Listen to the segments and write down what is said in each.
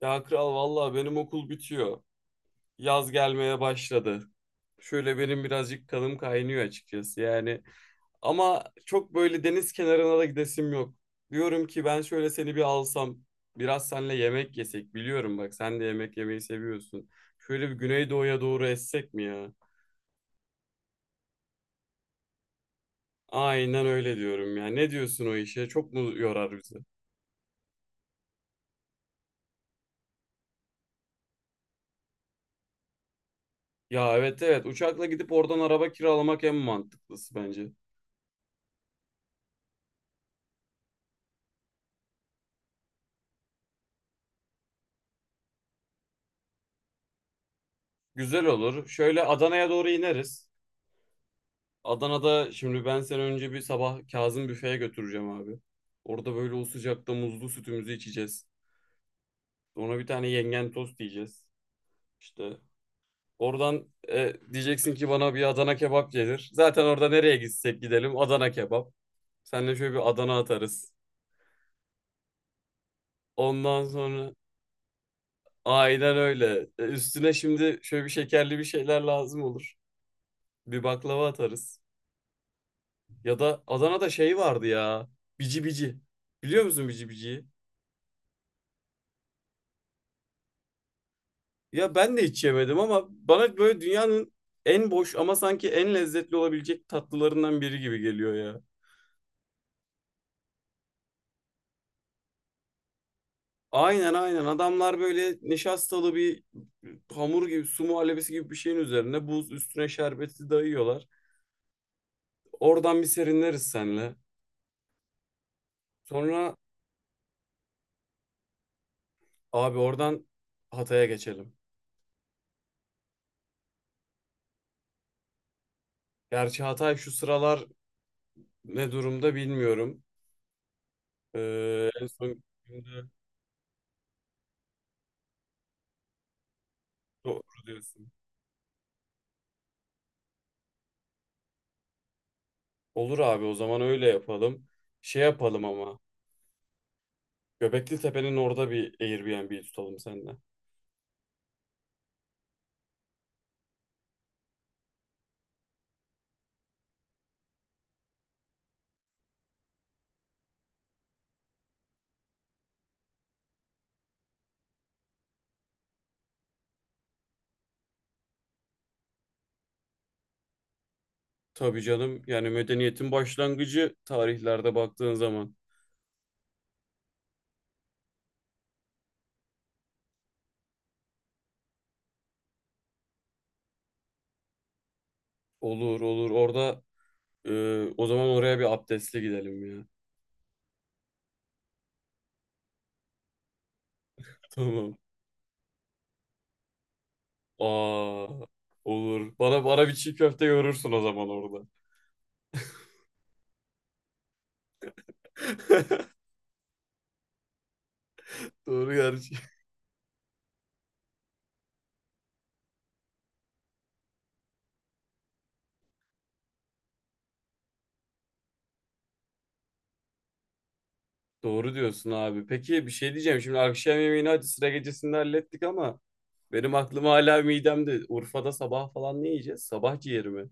Ya kral vallahi benim okul bitiyor. Yaz gelmeye başladı. Şöyle benim birazcık kanım kaynıyor açıkçası yani. Ama çok böyle deniz kenarına da gidesim yok. Diyorum ki ben şöyle seni bir alsam, biraz seninle yemek yesek. Biliyorum bak sen de yemek yemeyi seviyorsun. Şöyle bir Güneydoğu'ya doğru essek mi ya? Aynen öyle diyorum ya. Ne diyorsun o işe? Çok mu yorar bizi? Ya evet evet uçakla gidip oradan araba kiralamak en mantıklısı bence. Güzel olur. Şöyle Adana'ya doğru ineriz. Adana'da şimdi ben seni önce bir sabah Kazım büfeye götüreceğim abi. Orada böyle o sıcakta muzlu sütümüzü içeceğiz. Sonra bir tane yengen tost yiyeceğiz. İşte oradan diyeceksin ki bana bir Adana kebap gelir. Zaten orada nereye gitsek gidelim Adana kebap. Seninle şöyle bir Adana atarız. Ondan sonra aynen öyle. Üstüne şimdi şöyle bir şekerli bir şeyler lazım olur. Bir baklava atarız. Ya da Adana'da şey vardı ya. Bici bici. Biliyor musun bici biciyi? Ya ben de hiç yemedim ama bana böyle dünyanın en boş ama sanki en lezzetli olabilecek tatlılarından biri gibi geliyor ya. Aynen aynen adamlar böyle nişastalı bir hamur gibi su muhallebisi gibi bir şeyin üzerine buz üstüne şerbeti dayıyorlar. Oradan bir serinleriz senle. Sonra abi oradan Hatay'a geçelim. Gerçi Hatay şu sıralar ne durumda bilmiyorum. En son günde doğru diyorsun. Olur abi o zaman öyle yapalım. Şey yapalım ama. Göbekli Tepe'nin orada bir Airbnb tutalım seninle. Tabii canım. Yani medeniyetin başlangıcı tarihlerde baktığın zaman. Olur olur. Orada o zaman oraya bir abdestli gidelim ya. Tamam. Aa, olur. Bana bir çiğ köfte yorursun o zaman orada. Doğru gerçi. Doğru diyorsun abi. Peki bir şey diyeceğim. Şimdi akşam yemeğini hadi sıra gecesinde hallettik ama benim aklım hala midemde. Urfa'da sabah falan ne yiyeceğiz? Sabah ciğeri mi?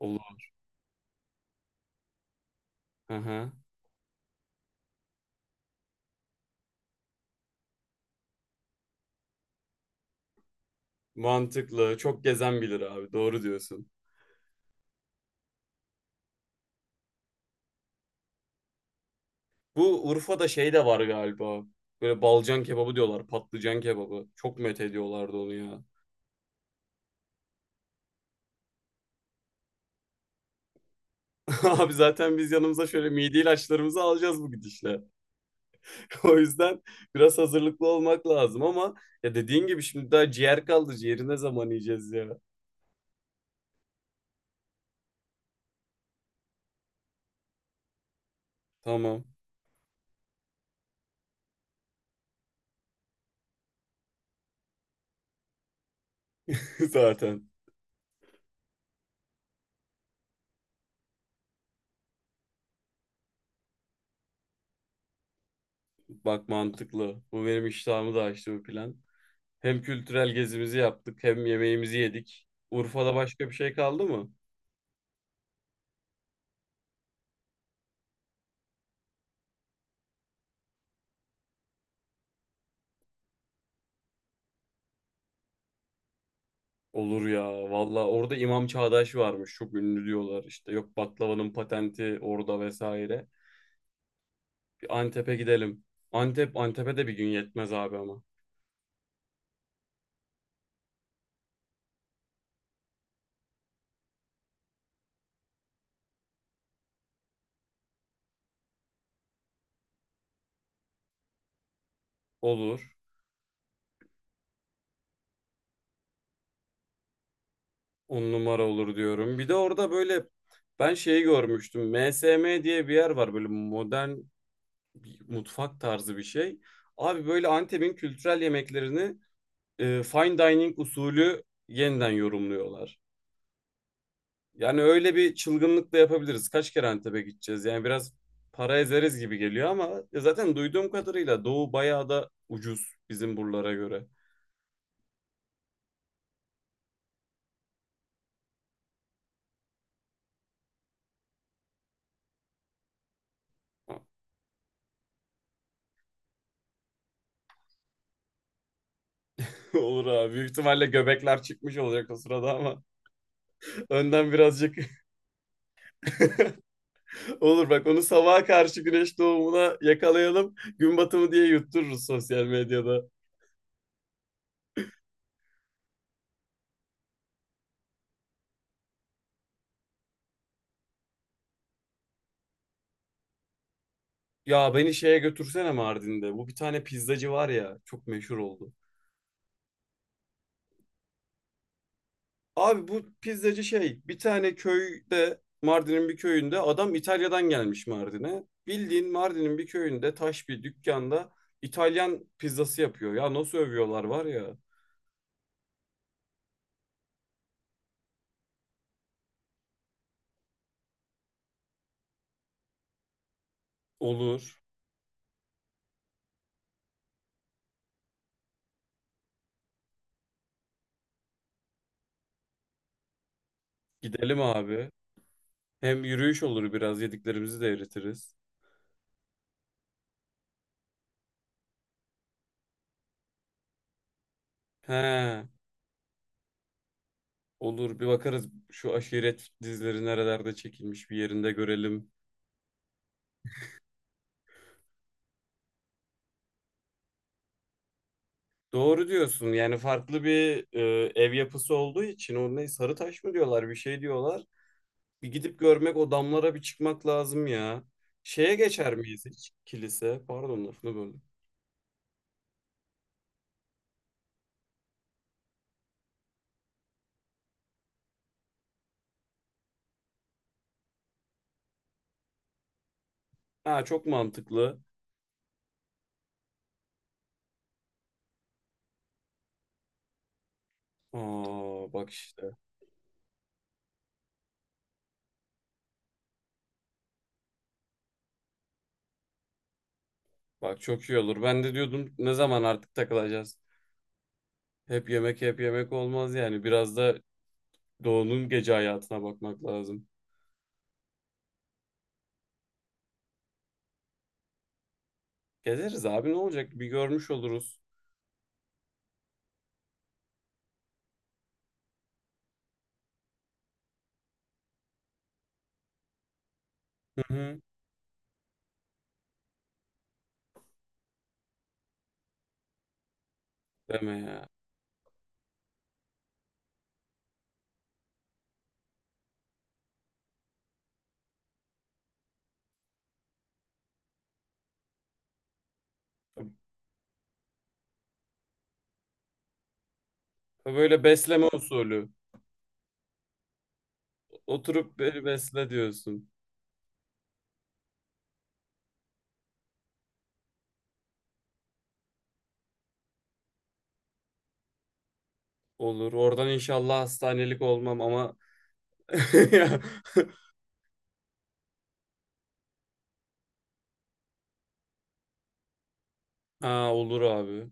Olur. Hı hı. Mantıklı. Çok gezen bilir abi. Doğru diyorsun. Bu Urfa'da şey de var galiba. Böyle balcan kebabı diyorlar. Patlıcan kebabı. Çok met ediyorlardı onu ya. Abi zaten biz yanımıza şöyle mide ilaçlarımızı alacağız bu gidişle. O yüzden biraz hazırlıklı olmak lazım ama ya dediğin gibi şimdi daha ciğer kaldı. Ciğeri ne zaman yiyeceğiz ya? Tamam. Zaten. Bak mantıklı. Bu benim iştahımı da açtı bu plan. Hem kültürel gezimizi yaptık hem yemeğimizi yedik. Urfa'da başka bir şey kaldı mı? Olur ya valla orada İmam Çağdaş varmış çok ünlü diyorlar işte yok baklavanın patenti orada vesaire. Bir Antep'e gidelim. Antep Antep'e de bir gün yetmez abi ama. Olur. On numara olur diyorum. Bir de orada böyle ben şeyi görmüştüm. MSM diye bir yer var böyle modern bir mutfak tarzı bir şey. Abi böyle Antep'in kültürel yemeklerini fine dining usulü yeniden yorumluyorlar. Yani öyle bir çılgınlık da yapabiliriz. Kaç kere Antep'e gideceğiz? Yani biraz para ezeriz gibi geliyor ama ya zaten duyduğum kadarıyla Doğu bayağı da ucuz bizim buralara göre. Olur abi. Büyük ihtimalle göbekler çıkmış olacak o sırada ama önden birazcık olur bak onu sabaha karşı güneş doğumuna yakalayalım. Gün batımı diye yuttururuz sosyal medyada. Ya beni şeye götürsene Mardin'de. Bu bir tane pizzacı var ya çok meşhur oldu. Abi bu pizzacı şey bir tane köyde Mardin'in bir köyünde adam İtalya'dan gelmiş Mardin'e. Bildiğin Mardin'in bir köyünde taş bir dükkanda İtalyan pizzası yapıyor. Ya nasıl övüyorlar var ya. Olur. Gidelim abi. Hem yürüyüş olur biraz yediklerimizi de eritiriz. He olur bir bakarız şu aşiret dizileri nerelerde çekilmiş bir yerinde görelim. Doğru diyorsun yani farklı bir ev yapısı olduğu için o ne sarı taş mı diyorlar bir şey diyorlar. Bir gidip görmek, o damlara bir çıkmak lazım ya. Şeye geçer miyiz hiç? Kilise. Pardon lafını böldüm. Ha çok mantıklı. Aa bak işte. Bak çok iyi olur. Ben de diyordum ne zaman artık takılacağız? Hep yemek hep yemek olmaz yani. Biraz da doğunun gece hayatına bakmak lazım. Gezeriz abi ne olacak? Bir görmüş oluruz. Hı hı. Deme ya. Böyle besleme usulü. Oturup beni besle diyorsun. Olur. Oradan inşallah hastanelik olmam ama ya, Aa, olur abi.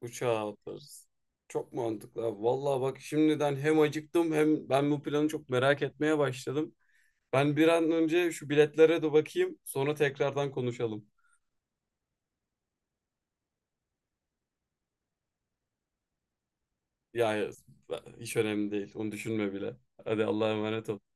Uçağa atlarız. Çok mantıklı abi. Vallahi bak şimdiden hem acıktım hem ben bu planı çok merak etmeye başladım. Ben bir an önce şu biletlere de bakayım. Sonra tekrardan konuşalım. Ya ya, hiç önemli değil. Onu düşünme bile. Hadi Allah'a emanet ol.